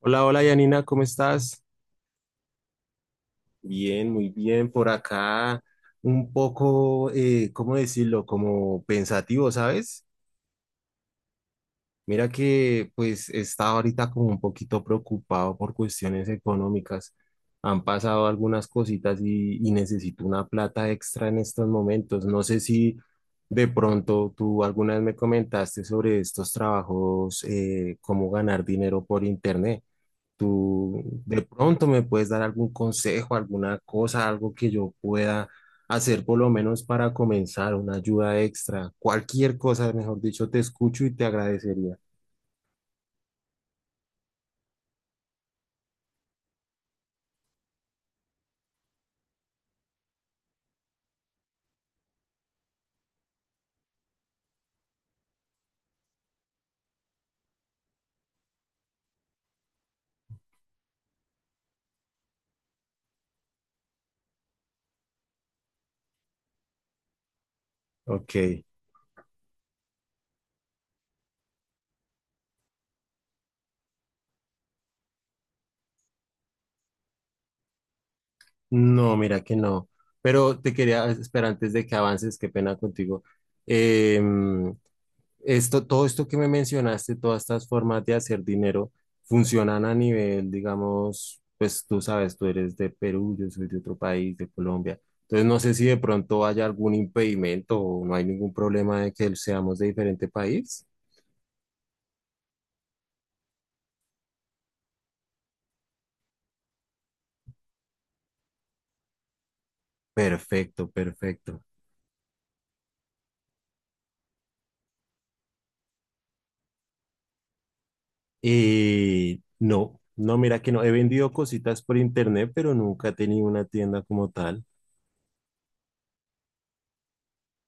Hola, hola Yanina, ¿cómo estás? Bien, muy bien. Por acá un poco, ¿cómo decirlo? Como pensativo, ¿sabes? Mira que pues estaba ahorita como un poquito preocupado por cuestiones económicas. Han pasado algunas cositas y necesito una plata extra en estos momentos. No sé si de pronto tú alguna vez me comentaste sobre estos trabajos, cómo ganar dinero por internet. Tú de pronto me puedes dar algún consejo, alguna cosa, algo que yo pueda hacer por lo menos para comenzar, una ayuda extra, cualquier cosa, mejor dicho, te escucho y te agradecería. Ok, no, mira que no, pero te quería, espera, antes de que avances, qué pena contigo. Em, Esto, todo esto que me mencionaste, todas estas formas de hacer dinero, funcionan a nivel, digamos, pues tú sabes, tú eres de Perú, yo soy de otro país, de Colombia. Entonces no sé si de pronto haya algún impedimento o no hay ningún problema de que seamos de diferente país. Perfecto, perfecto. Y no, no, mira que no, he vendido cositas por internet, pero nunca he tenido una tienda como tal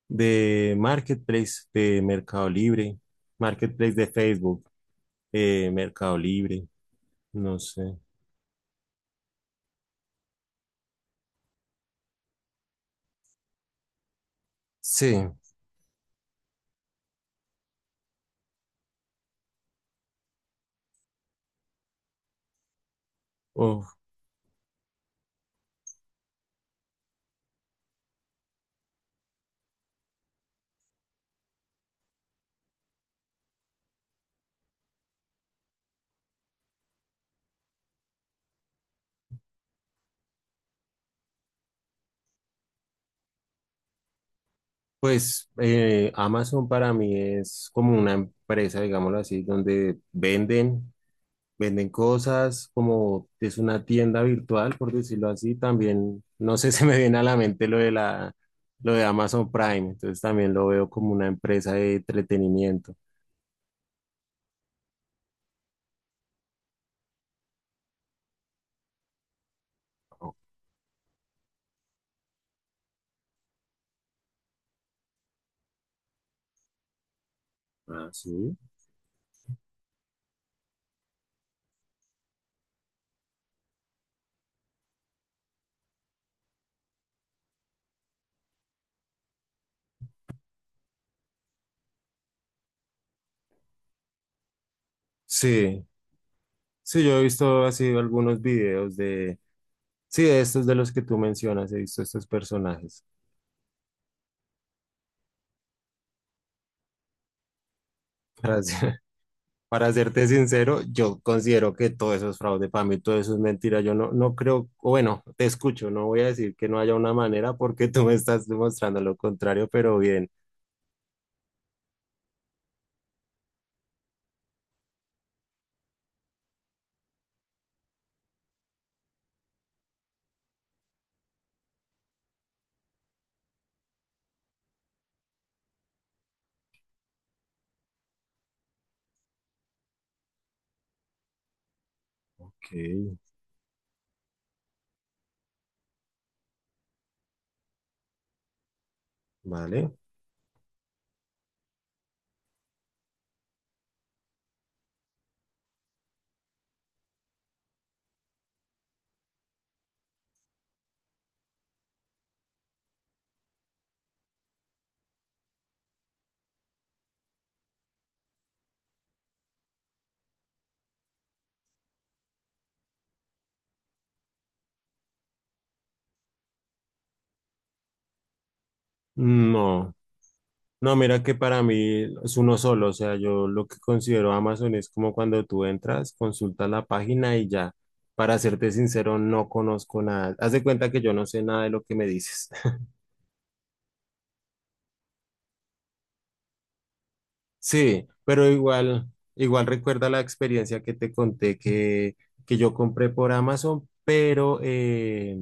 de Marketplace, de Mercado Libre, Marketplace de Facebook. Mercado Libre, no sé. Sí, o, pues Amazon para mí es como una empresa, digámoslo así, donde venden, venden cosas, como es una tienda virtual, por decirlo así. También, no sé, se me viene a la mente lo de la, lo de Amazon Prime, entonces también lo veo como una empresa de entretenimiento. Oh, ah, sí. Sí, sí, yo he visto así algunos videos de, sí, de estos de los que tú mencionas, he visto estos personajes. Para ser- para serte sincero, yo considero que todo eso es fraude para mí, todo eso es mentira. Yo no, no creo, o bueno, te escucho, no voy a decir que no haya una manera porque tú me estás demostrando lo contrario, pero bien. Ok, vale. No, no, mira que para mí es uno solo, o sea, yo lo que considero Amazon es como cuando tú entras, consultas la página y ya. Para serte sincero, no conozco nada. Haz de cuenta que yo no sé nada de lo que me dices. Sí, pero igual, igual recuerda la experiencia que te conté que yo compré por Amazon, pero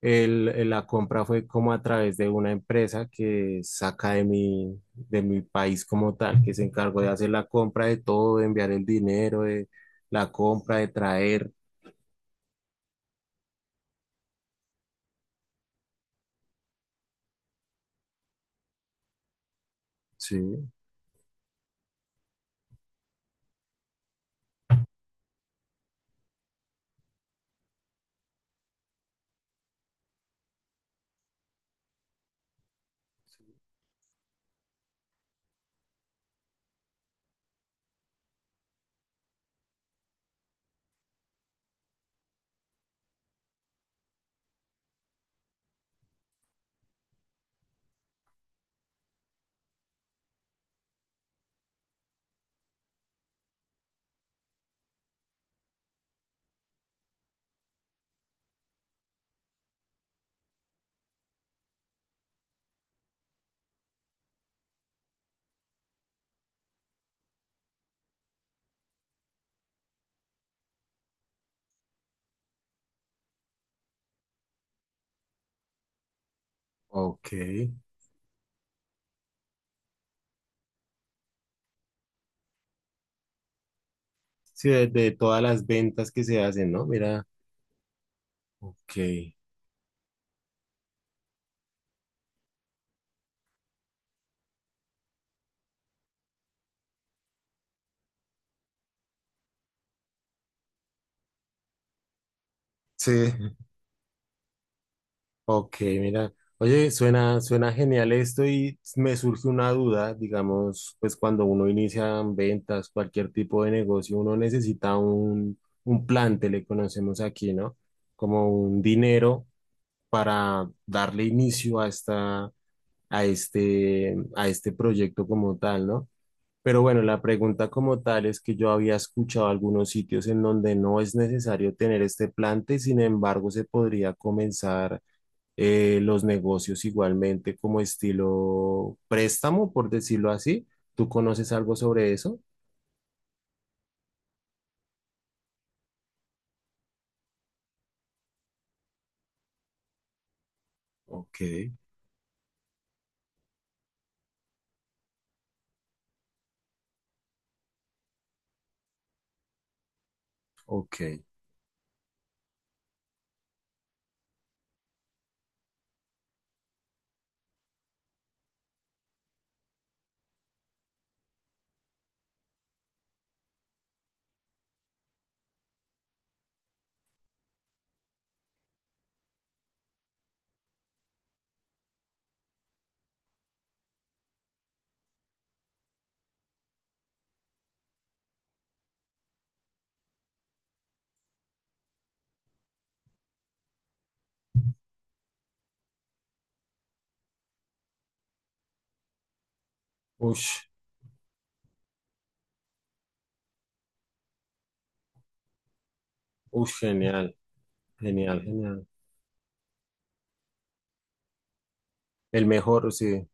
la compra fue como a través de una empresa que saca de mi país como tal, que se encargó de hacer la compra de todo, de enviar el dinero, de la compra, de traer. Sí, ok. Sí, de todas las ventas que se hacen, ¿no? Mira, ok. Sí. Ok, mira, oye, suena, suena genial esto y me surge una duda, digamos, pues cuando uno inicia ventas, cualquier tipo de negocio, uno necesita un plante, le conocemos aquí, ¿no? Como un dinero para darle inicio a esta, a este proyecto como tal, ¿no? Pero bueno, la pregunta como tal es que yo había escuchado algunos sitios en donde no es necesario tener este plante, sin embargo, se podría comenzar los negocios igualmente como estilo préstamo, por decirlo así. ¿Tú conoces algo sobre eso? Ok, ok. Ush, ush, genial, genial, genial. El mejor, sí.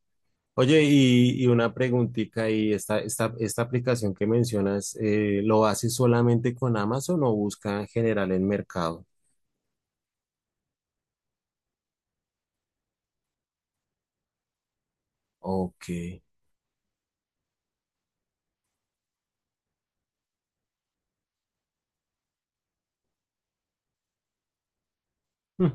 Oye, y una preguntita, y esta aplicación que mencionas, ¿lo haces solamente con Amazon o busca en general en mercado? Ok. Hmm.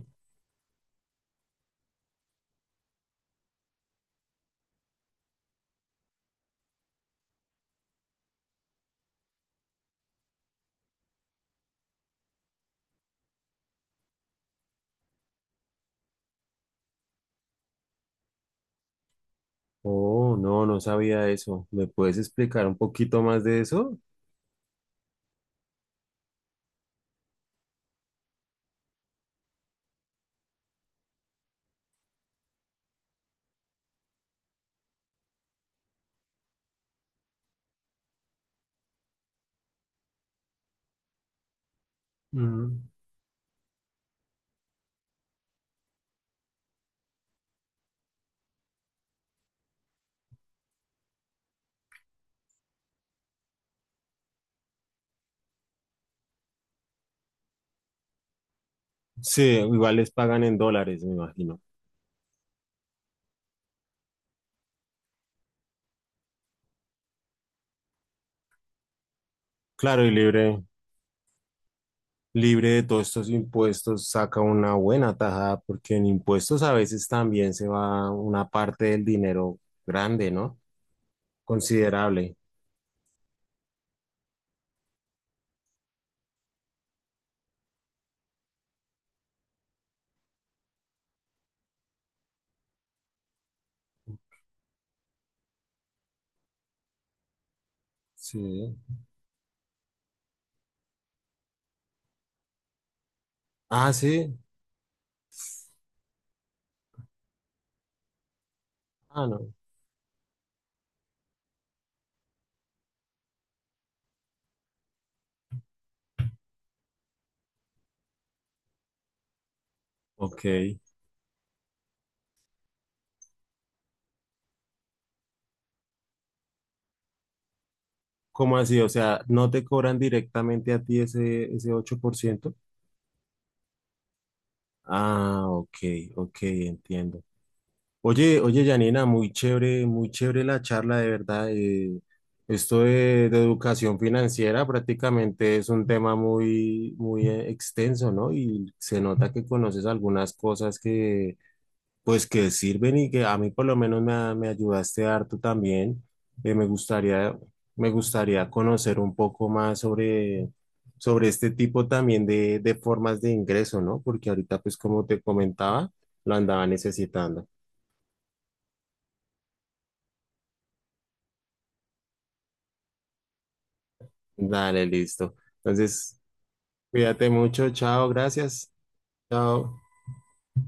Oh, no, no sabía eso. ¿Me puedes explicar un poquito más de eso? Mm. Sí, igual les pagan en dólares, me imagino. Claro, y libre, libre de todos estos impuestos, saca una buena tajada, porque en impuestos a veces también se va una parte del dinero grande, ¿no? Considerable. Sí. Ah, sí. Ah, no. Ok. ¿Cómo así? O sea, ¿no te cobran directamente a ti ese, ese 8%? Ah, ok, ok, entiendo. Oye, oye, Janina, muy chévere la charla, de verdad. Esto de educación financiera prácticamente es un tema muy, muy extenso, ¿no? Y se nota que conoces algunas cosas que, pues, que sirven y que a mí por lo menos me, me ayudaste harto también. Me gustaría, me gustaría conocer un poco más sobre, sobre este tipo también de formas de ingreso, ¿no? Porque ahorita, pues, como te comentaba, lo andaba necesitando. Dale, listo. Entonces, cuídate mucho. Chao, gracias. Chao.